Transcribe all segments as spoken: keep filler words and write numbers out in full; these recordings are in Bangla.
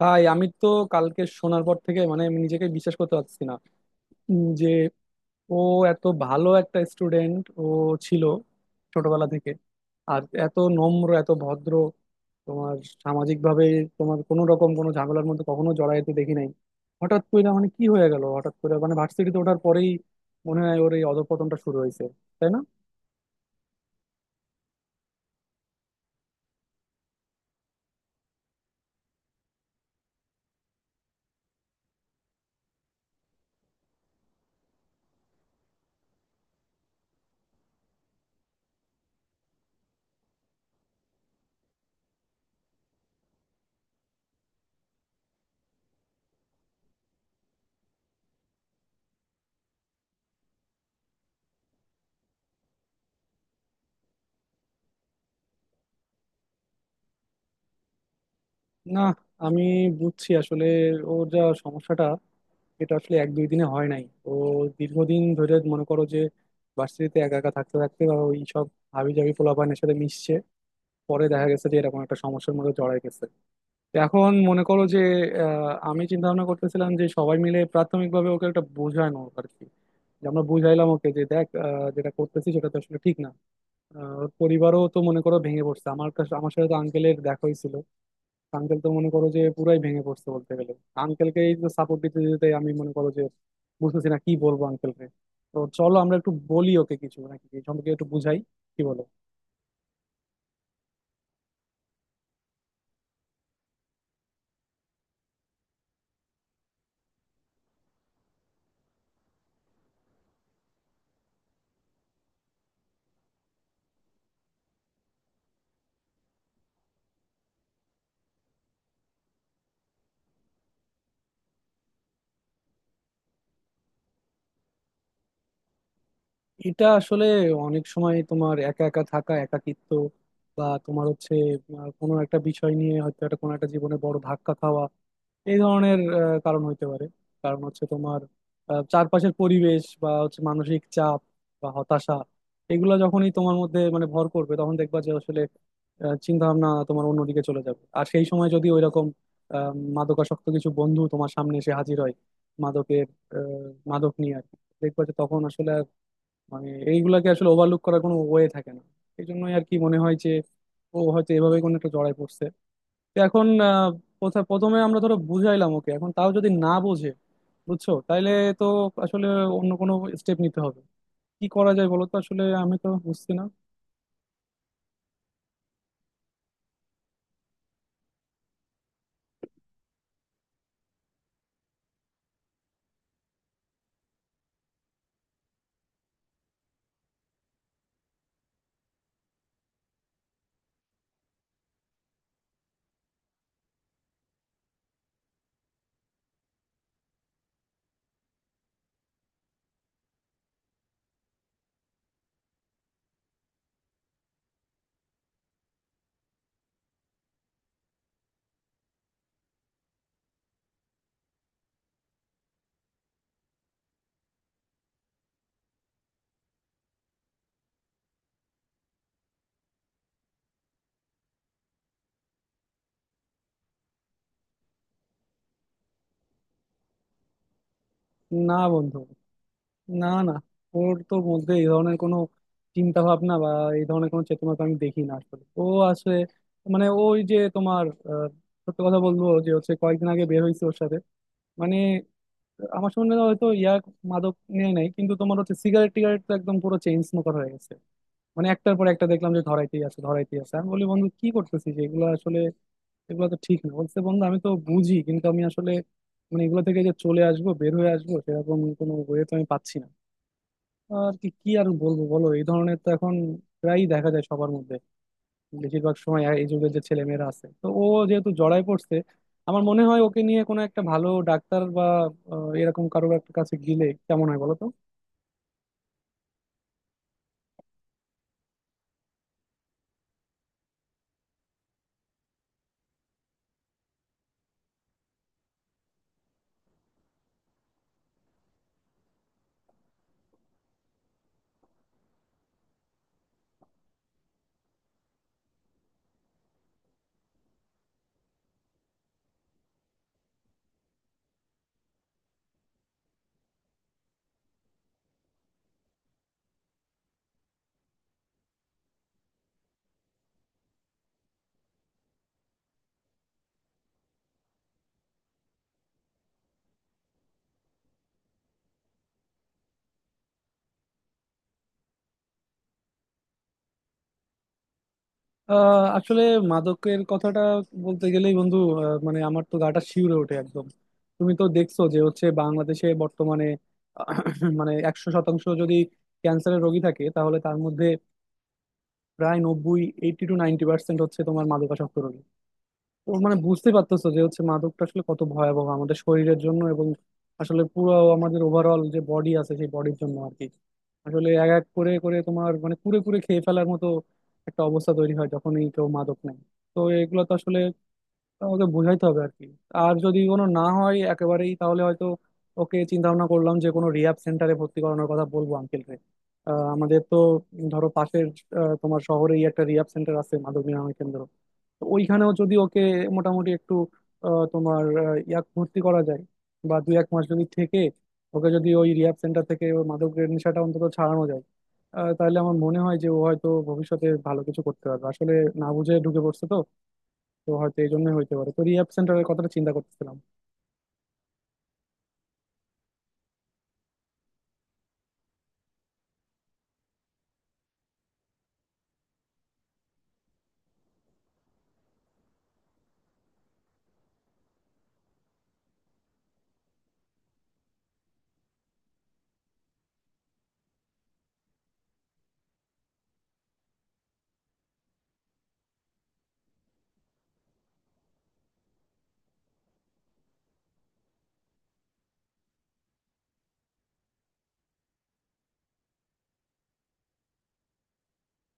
ভাই আমি তো কালকে শোনার পর থেকে মানে আমি নিজেকে বিশ্বাস করতে পারছি না উম, যে ও এত ভালো একটা স্টুডেন্ট ও ছিল ছোটবেলা থেকে। আর এত নম্র এত ভদ্র, তোমার সামাজিক ভাবে তোমার কোনো রকম কোনো ঝামেলার মধ্যে কখনো জড়াইতে দেখি নাই। হঠাৎ করে মানে কি হয়ে গেল, হঠাৎ করে মানে ভার্সিটিতে ওঠার পরেই মনে হয় ওর এই অধঃপতনটা শুরু হয়েছে, তাই না? না, আমি বুঝছি আসলে ওর যা সমস্যাটা, এটা আসলে এক দুই দিনে হয় নাই। ও দীর্ঘদিন ধরে মনে করো যে ভার্সিটিতে একা একা থাকতে থাকতে বা ওই সব হাবি জাবি পোলাপানের সাথে মিশছে, পরে দেখা গেছে যে এরকম একটা সমস্যার মধ্যে জড়ায় গেছে। তো এখন মনে করো যে আহ, আমি চিন্তা ভাবনা করতেছিলাম যে সবাই মিলে প্রাথমিকভাবে ওকে একটা বোঝানো আর কি, যে আমরা বুঝাইলাম ওকে যে দেখ আহ, যেটা করতেছি সেটা তো আসলে ঠিক না। আহ, ওর পরিবারও তো মনে করো ভেঙে পড়ছে, আমার কাছে আমার সাথে তো আঙ্কেলের দেখা হয়েছিল, আঙ্কেল তো মনে করো যে পুরাই ভেঙে পড়ছে বলতে গেলে। আঙ্কেলকে এই তো সাপোর্ট দিতে দিতে আমি মনে করো যে বুঝতেছি না কি বলবো আঙ্কেলকে। তো চলো আমরা একটু বলি ওকে কিছু, নাকি এই সম্পর্কে একটু বুঝাই, কি বলো? এটা আসলে অনেক সময় তোমার একা একা থাকা, একাকিত্ব, বা তোমার হচ্ছে আহ, কোনো একটা বিষয় নিয়ে হয়তো একটা কোনো একটা জীবনে বড় ধাক্কা খাওয়া, এই ধরনের আহ, কারণ হইতে পারে। কারণ হচ্ছে তোমার আহ, চারপাশের পরিবেশ বা হচ্ছে মানসিক চাপ বা হতাশা, এগুলা যখনই তোমার মধ্যে মানে ভর করবে তখন দেখবা যে আসলে চিন্তা ভাবনা তোমার অন্যদিকে চলে যাবে। আর সেই সময় যদি ওইরকম আহ, মাদকাসক্ত কিছু বন্ধু তোমার সামনে এসে হাজির হয়, মাদকের আহ, মাদক নিয়ে আর কি, দেখবা যে তখন আসলে আর মানে এইগুলাকে আসলে ওভারলুক করার কোনো ওয়ে থাকে না। এই জন্যই আর কি মনে হয় যে ও হয়তো এভাবে কোনো একটা জড়ায় পড়ছে। তো এখন আহ, প্রথা- প্রথমে আমরা ধরো বুঝাইলাম ওকে, এখন তাও যদি না বোঝে, বুঝছো, তাইলে তো আসলে অন্য কোনো স্টেপ নিতে হবে। কি করা যায় বলো তো, আসলে আমি তো বুঝছি না। না বন্ধু, না, না, ওর তো মধ্যে এই ধরনের কোনো চিন্তা ভাবনা বা এই ধরনের কোনো চেতনা তো আমি দেখি না আসলে। ও আছে মানে ওই যে তোমার আহ, সত্যি কথা বলবো যে হচ্ছে কয়েকদিন আগে বের হয়েছে ওর সাথে মানে আমার সঙ্গে, হয়তো ইয়াক মাদক নিয়ে নাই কিন্তু তোমার হচ্ছে সিগারেট টিগারেট তো একদম পুরো চেইন স্মোকার হয়ে গেছে। মানে একটার পর একটা দেখলাম যে ধরাইতেই আছে ধরাইতেই আছে। আমি বলি বন্ধু কি করতেছিস এগুলো আসলে, এগুলো তো ঠিক না। বলছে বন্ধু আমি তো বুঝি, কিন্তু আমি আসলে মানে এগুলো থেকে যে চলে আসবো, বের হয়ে আসবো সেরকম কোনো ওয়ে তো আমি পাচ্ছি না। আর কি কি আর বলবো বলো, এই ধরনের তো এখন প্রায়ই দেখা যায় সবার মধ্যে, বেশিরভাগ সময় এই যুগের যে ছেলে মেয়েরা আছে। তো ও যেহেতু জড়ায় পড়ছে, আমার মনে হয় ওকে নিয়ে কোনো একটা ভালো ডাক্তার বা আহ, এরকম কারোর একটা কাছে গেলে কেমন হয় বলো তো? আহ, আসলে মাদকের কথাটা বলতে গেলেই বন্ধু আহ, মানে আমার তো গাটা শিউরে ওঠে একদম। তুমি তো দেখছো যে হচ্ছে বাংলাদেশে বর্তমানে আহ, মানে একশো শতাংশ যদি ক্যান্সারের রোগী থাকে, তাহলে তার মধ্যে প্রায় নব্বই, এইটি টু নাইনটি পার্সেন্ট হচ্ছে তোমার মাদকাসক্ত রোগী। তো মানে বুঝতে পারতেছো যে হচ্ছে মাদকটা আসলে কত ভয়াবহ আমাদের শরীরের জন্য, এবং আসলে পুরো আমাদের ওভারঅল যে বডি আছে সেই বডির জন্য আর কি। আসলে এক এক করে করে তোমার মানে কুড়ে কুড়ে খেয়ে ফেলার মতো একটা অবস্থা তৈরি হয় যখনই কেউ মাদক নেয়। তো এগুলো তো আসলে ওকে বোঝাইতে হবে আর কি। আর যদি কোনো না হয় একেবারেই, তাহলে হয়তো ওকে, চিন্তা ভাবনা করলাম যে কোনো রিহ্যাব সেন্টারে ভর্তি করানোর কথা বলবো আঙ্কেলকে। আমাদের তো ধরো পাশের আহ, তোমার শহরেই একটা রিহ্যাব সেন্টার আছে, মাদক নিরাময় কেন্দ্র। তো ওইখানেও যদি ওকে মোটামুটি একটু আহ, তোমার আহ, ইয়াক ভর্তি করা যায়, বা দুই এক মাস যদি থেকে ওকে, যদি ওই রিহ্যাব সেন্টার থেকে ওর মাদকের নেশাটা অন্তত ছাড়ানো যায়, আহ, তাহলে আমার মনে হয় যে ও হয়তো ভবিষ্যতে ভালো কিছু করতে পারবে আসলে। না বুঝে ঢুকে পড়ছে তো, তো হয়তো এই জন্যই হইতে পারে, তো রিহ্যাব সেন্টারের কথাটা চিন্তা করতেছিলাম।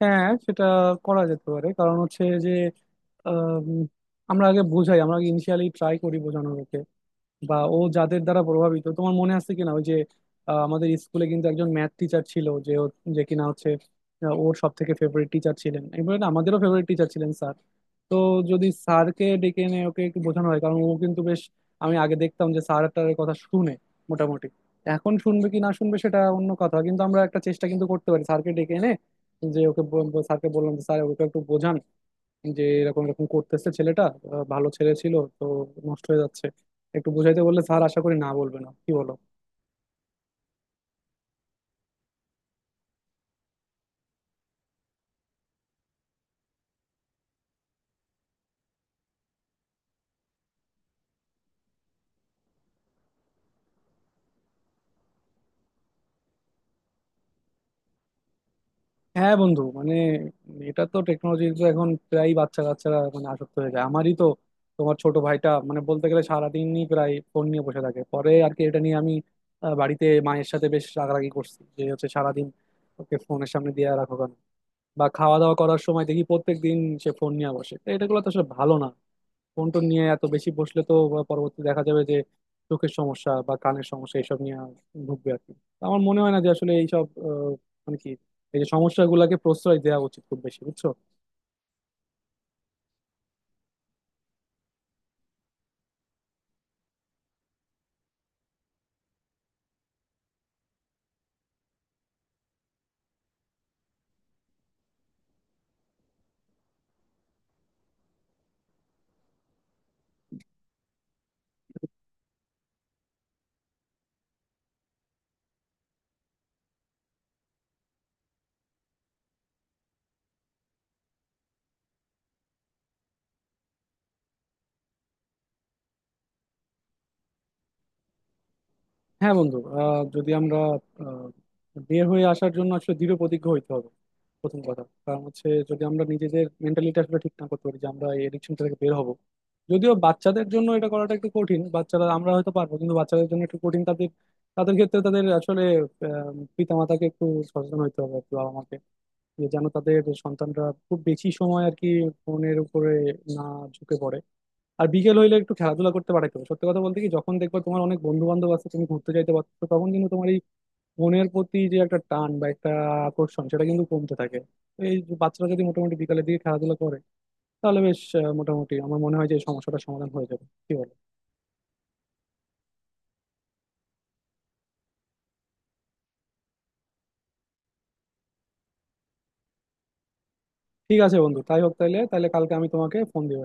হ্যাঁ, সেটা করা যেতে পারে। কারণ হচ্ছে যে আম, আমরা আগে বুঝাই, আমরা আগে ইনিশিয়ালি ট্রাই করি বোঝানোর, বা ও যাদের দ্বারা প্রভাবিত, তোমার মনে আছে কিনা ওই যে আহ, আমাদের স্কুলে কিন্তু একজন ম্যাথ টিচার ছিল যে ও- যে কিনা হচ্ছে আহ, ওর সব থেকে ফেভারিট টিচার ছিলেন, এবারে না, আমাদেরও ফেভারিট টিচার ছিলেন স্যার। তো যদি স্যারকে ডেকে এনে ওকে একটু বোঝানো হয়, কারণ ও কিন্তু বেশ, আমি আগে দেখতাম যে স্যারটার কথা শুনে মোটামুটি, এখন শুনবে কি না শুনবে সেটা অন্য কথা, কিন্তু আমরা একটা চেষ্টা কিন্তু করতে পারি স্যারকে ডেকে এনে, যে ওকে, স্যারকে বললাম যে স্যার ওকে একটু বোঝান, যে এরকম এরকম করতেছে ছেলেটা, আহ, ভালো ছেলে ছিল তো, নষ্ট হয়ে যাচ্ছে, একটু বুঝাইতে বললে স্যার আশা করি না বলবে না, কি বলো? হ্যাঁ বন্ধু মানে এটা তো টেকনোলজি তো এখন প্রায় বাচ্চা কাচ্চারা মানে আসক্ত হয়ে যায়। আমারই তো তোমার ছোট ভাইটা মানে বলতে গেলে সারাদিনই প্রায় ফোন নিয়ে বসে থাকে। পরে আর কি এটা নিয়ে আমি আহ, বাড়িতে মায়ের সাথে বেশ রাগারাগি করছি যে হচ্ছে সারাদিন ওকে ফোনের সামনে দিয়ে রাখো কেন, বা খাওয়া দাওয়া করার সময় দেখি প্রত্যেক দিন সে ফোন নিয়ে বসে। তো এটাগুলো তো আসলে ভালো না। ফোন টোন নিয়ে এত বেশি বসলে তো পরবর্তী দেখা যাবে যে চোখের সমস্যা বা কানের সমস্যা এইসব নিয়ে ভুগবে আর কি। তো আমার মনে হয় না যে আসলে এইসব আহ, মানে কি এই যে সমস্যাগুলোকে প্রশ্রয় দেওয়া উচিত খুব বেশি, বুঝছো? হ্যাঁ বন্ধু আহ, যদি আমরা আহ, বের হয়ে আসার জন্য আসলে দৃঢ় প্রতিজ্ঞ হইতে হবে প্রথম কথা। কারণ হচ্ছে যদি আমরা নিজেদের মেন্টালিটি আসলে ঠিক না করতে পারি যে আমরা এই এডিকশন থেকে বের হব, যদিও বাচ্চাদের জন্য এটা করাটা একটু কঠিন, বাচ্চারা, আমরা হয়তো পারবো কিন্তু বাচ্চাদের জন্য একটু কঠিন, তাদের তাদের ক্ষেত্রে তাদের আসলে আহ, পিতামাতাকে একটু সচেতন হতে হবে আর কি, বাবা মাকে, যে যেন তাদের সন্তানরা খুব বেশি সময় আর কি ফোনের উপরে না ঝুঁকে পড়ে। আর বিকেল হইলে একটু খেলাধুলা করতে পাঠাতে হবে। সত্যি কথা বলতে কি, যখন দেখবা তোমার অনেক বন্ধু বান্ধব আছে, তুমি ঘুরতে যাইতে পারছো, তখন কিন্তু তোমার এই ফোনের প্রতি যে একটা টান বা একটা আকর্ষণ সেটা কিন্তু কমতে থাকে। তো এই যে বাচ্চারা যদি মোটামুটি বিকালের দিকে খেলাধুলা করে, তাহলে বেশ আহ, মোটামুটি আমার মনে হয় যে এই সমস্যাটার সমাধান হয়ে যাবে, কি বলো? ঠিক আছে বন্ধু, তাই হোক তাইলে। তাহলে কালকে আমি তোমাকে ফোন দিব।